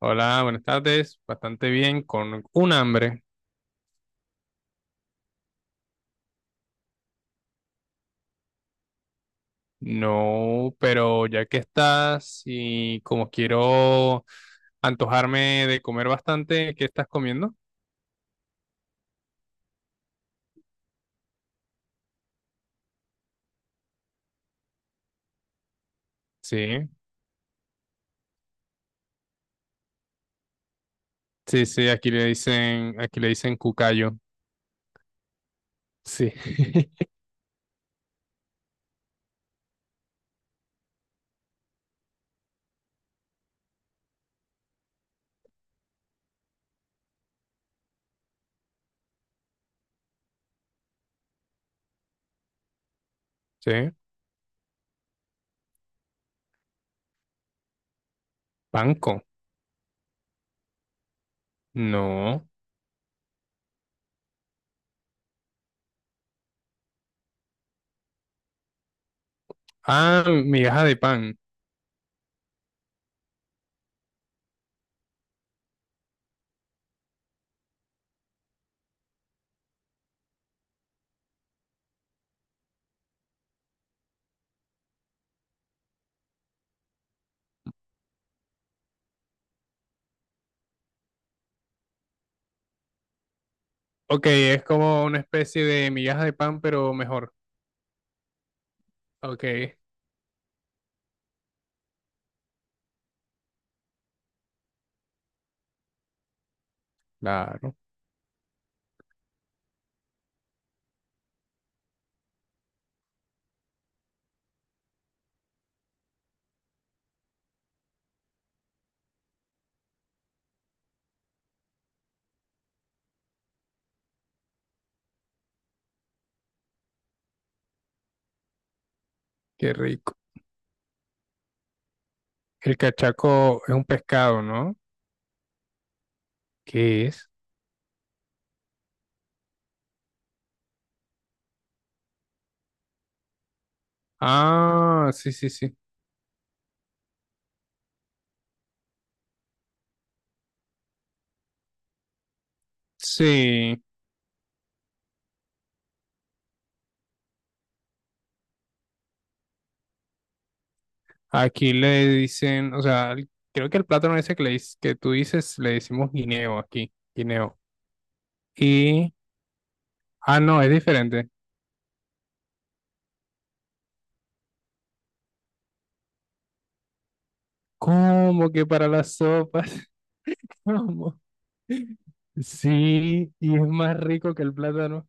Hola, buenas tardes. Bastante bien, con un hambre. No, pero ya que estás y como quiero antojarme de comer bastante, ¿qué estás comiendo? Sí, sí, sí, aquí le dicen cucayo. Sí. Sí. Panco. No. Ah, migaja de pan. Ok, es como una especie de migaja de pan, pero mejor. Ok. Claro, qué rico. El cachaco es un pescado, ¿no? ¿Qué es? Ah, sí, sí, sí. Sí, aquí le dicen, o sea, creo que el plátano ese que, que tú dices le decimos guineo aquí, guineo. Y, ah, no, es diferente. ¿Cómo que para las sopas? ¿Cómo? Sí, y es más rico que el plátano.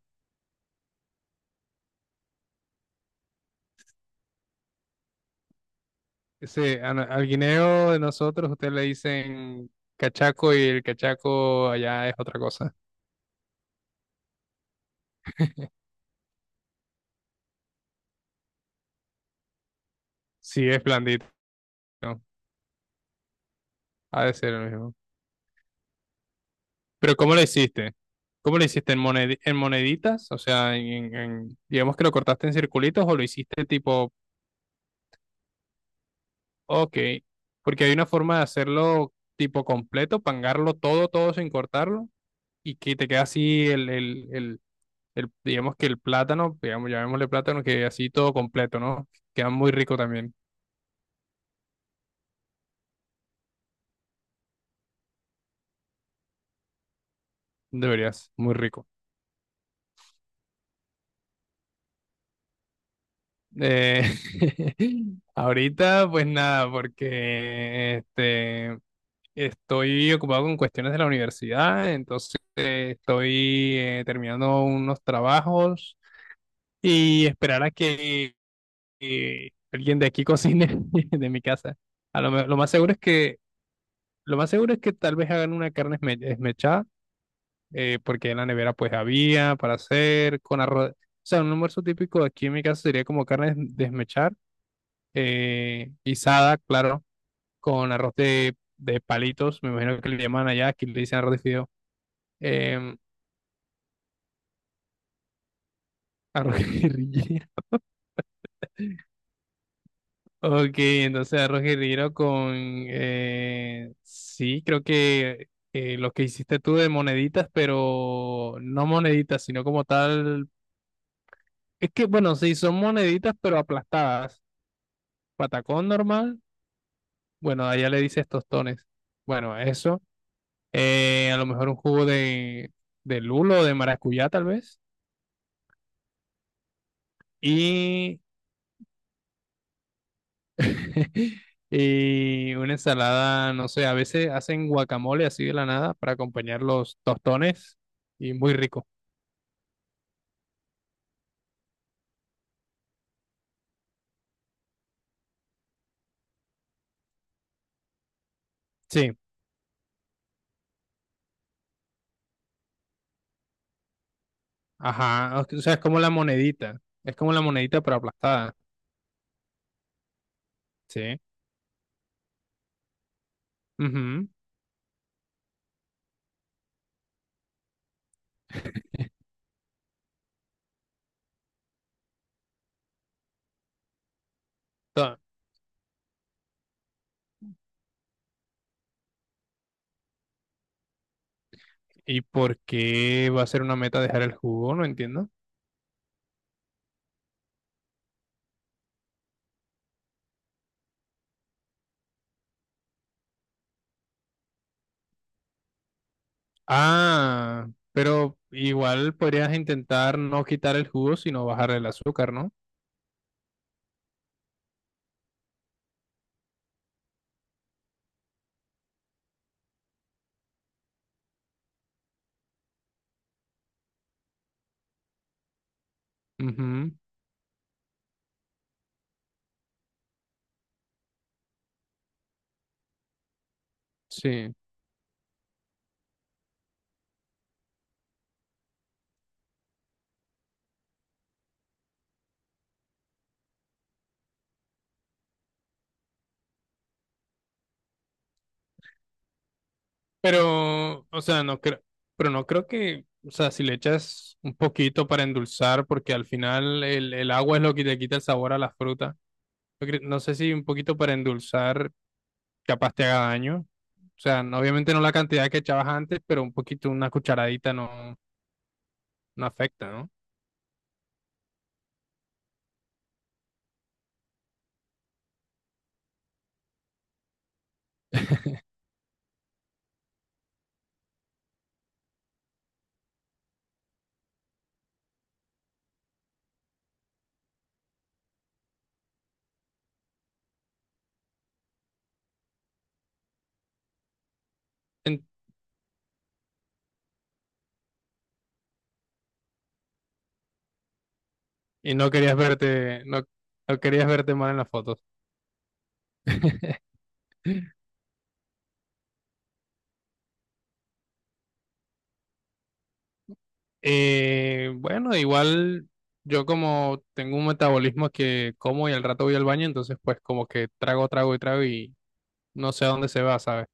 Ese, a no- al guineo de nosotros ustedes le dicen cachaco y el cachaco allá es otra cosa. Sí, es blandito, ha de ser el mismo. Pero ¿cómo lo hiciste? ¿Cómo lo hiciste en moneditas? O sea, digamos que lo cortaste en circulitos o lo hiciste tipo, ok, porque hay una forma de hacerlo tipo completo, pangarlo todo, todo sin cortarlo y que te queda así digamos que el plátano, digamos, llamémosle plátano, que así todo completo, ¿no? Queda muy rico también, deberías, muy rico. Eh, ahorita, pues nada, porque este. Estoy ocupado con cuestiones de la universidad, entonces estoy terminando unos trabajos y esperar a que alguien de aquí cocine de mi casa. Lo más seguro es que lo más seguro es que tal vez hagan una carne esmechada, porque en la nevera pues había para hacer con arroz. O sea, un almuerzo típico aquí en mi casa sería como carne desmechar, guisada, claro, con arroz de palitos, me imagino que le llaman allá, aquí le dicen arroz de fideo. Eh, Arroz guerrillero. Ok, entonces arroz guerrillero. Con... Sí, creo que lo que hiciste tú de moneditas, pero no moneditas, sino como tal. Es que, bueno, sí, son moneditas, pero aplastadas. Patacón normal. Bueno, allá le dices tostones. Bueno, eso. A lo mejor un jugo de lulo, de maracuyá, tal vez. y Y una ensalada, no sé, a veces hacen guacamole así de la nada para acompañar los tostones y muy rico. Sí, ajá, o sea, es como la monedita, es como la monedita pero aplastada, sí. Ujú. Ta- ¿Y por qué va a ser una meta dejar el jugo? No entiendo. Ah, pero igual podrías intentar no quitar el jugo, sino bajar el azúcar, ¿no? Ujú. Sí. Pero, o sea, no creo que, o sea, si le echas un poquito para endulzar, porque al final el agua es lo que te quita el sabor a la fruta. No sé si un poquito para endulzar capaz te haga daño. O sea, obviamente no la cantidad que echabas antes, pero un poquito, una cucharadita no afecta, ¿no? En- y no querías verte, no, no querías verte mal en las fotos. Bueno, igual yo como tengo un metabolismo que como y al rato voy al baño, entonces pues como que trago, trago y trago y no sé a dónde se va, ¿sabes?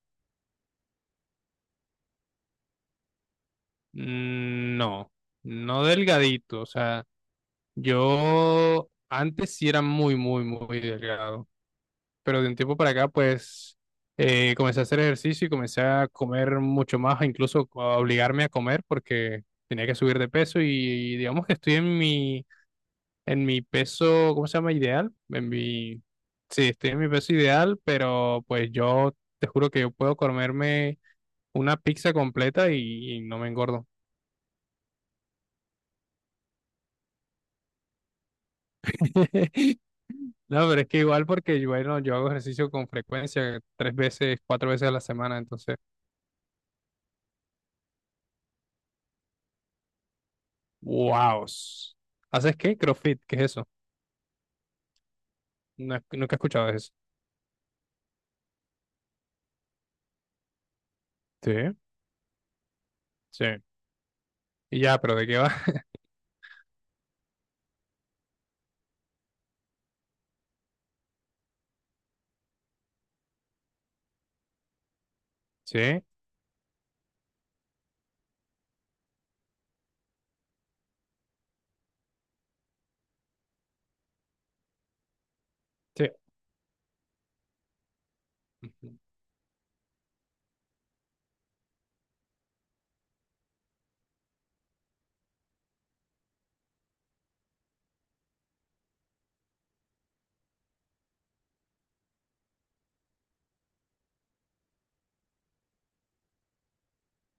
No, no delgadito, o sea, yo antes sí era muy, muy, muy delgado, pero de un tiempo para acá pues comencé a hacer ejercicio y comencé a comer mucho más, incluso a obligarme a comer porque tenía que subir de peso y digamos que estoy en mi peso, ¿cómo se llama? Ideal. Sí, estoy en mi peso ideal, pero pues yo te juro que yo puedo comerme una pizza completa y no me engordo. No, pero es que igual porque bueno, yo hago ejercicio con frecuencia, 3 veces, 4 veces a la semana, entonces, wow. ¿Haces qué? CrossFit, ¿qué es eso? Nunca he escuchado de eso. Sí, sí. Y ya, pero ¿de qué va? Sí, sí. Ujú.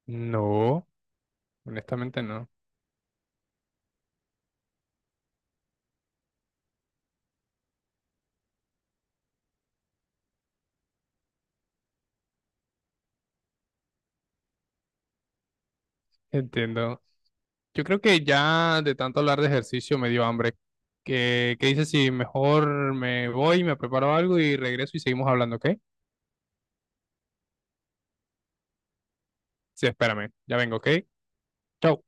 No, honestamente no. Entiendo. Yo creo que ya de tanto hablar de ejercicio me dio hambre. ¿Qué, qué dices si mejor me voy, me preparo algo y regreso y seguimos hablando, ¿ok? Sí, espérame, ya vengo, ¿ok? Chau.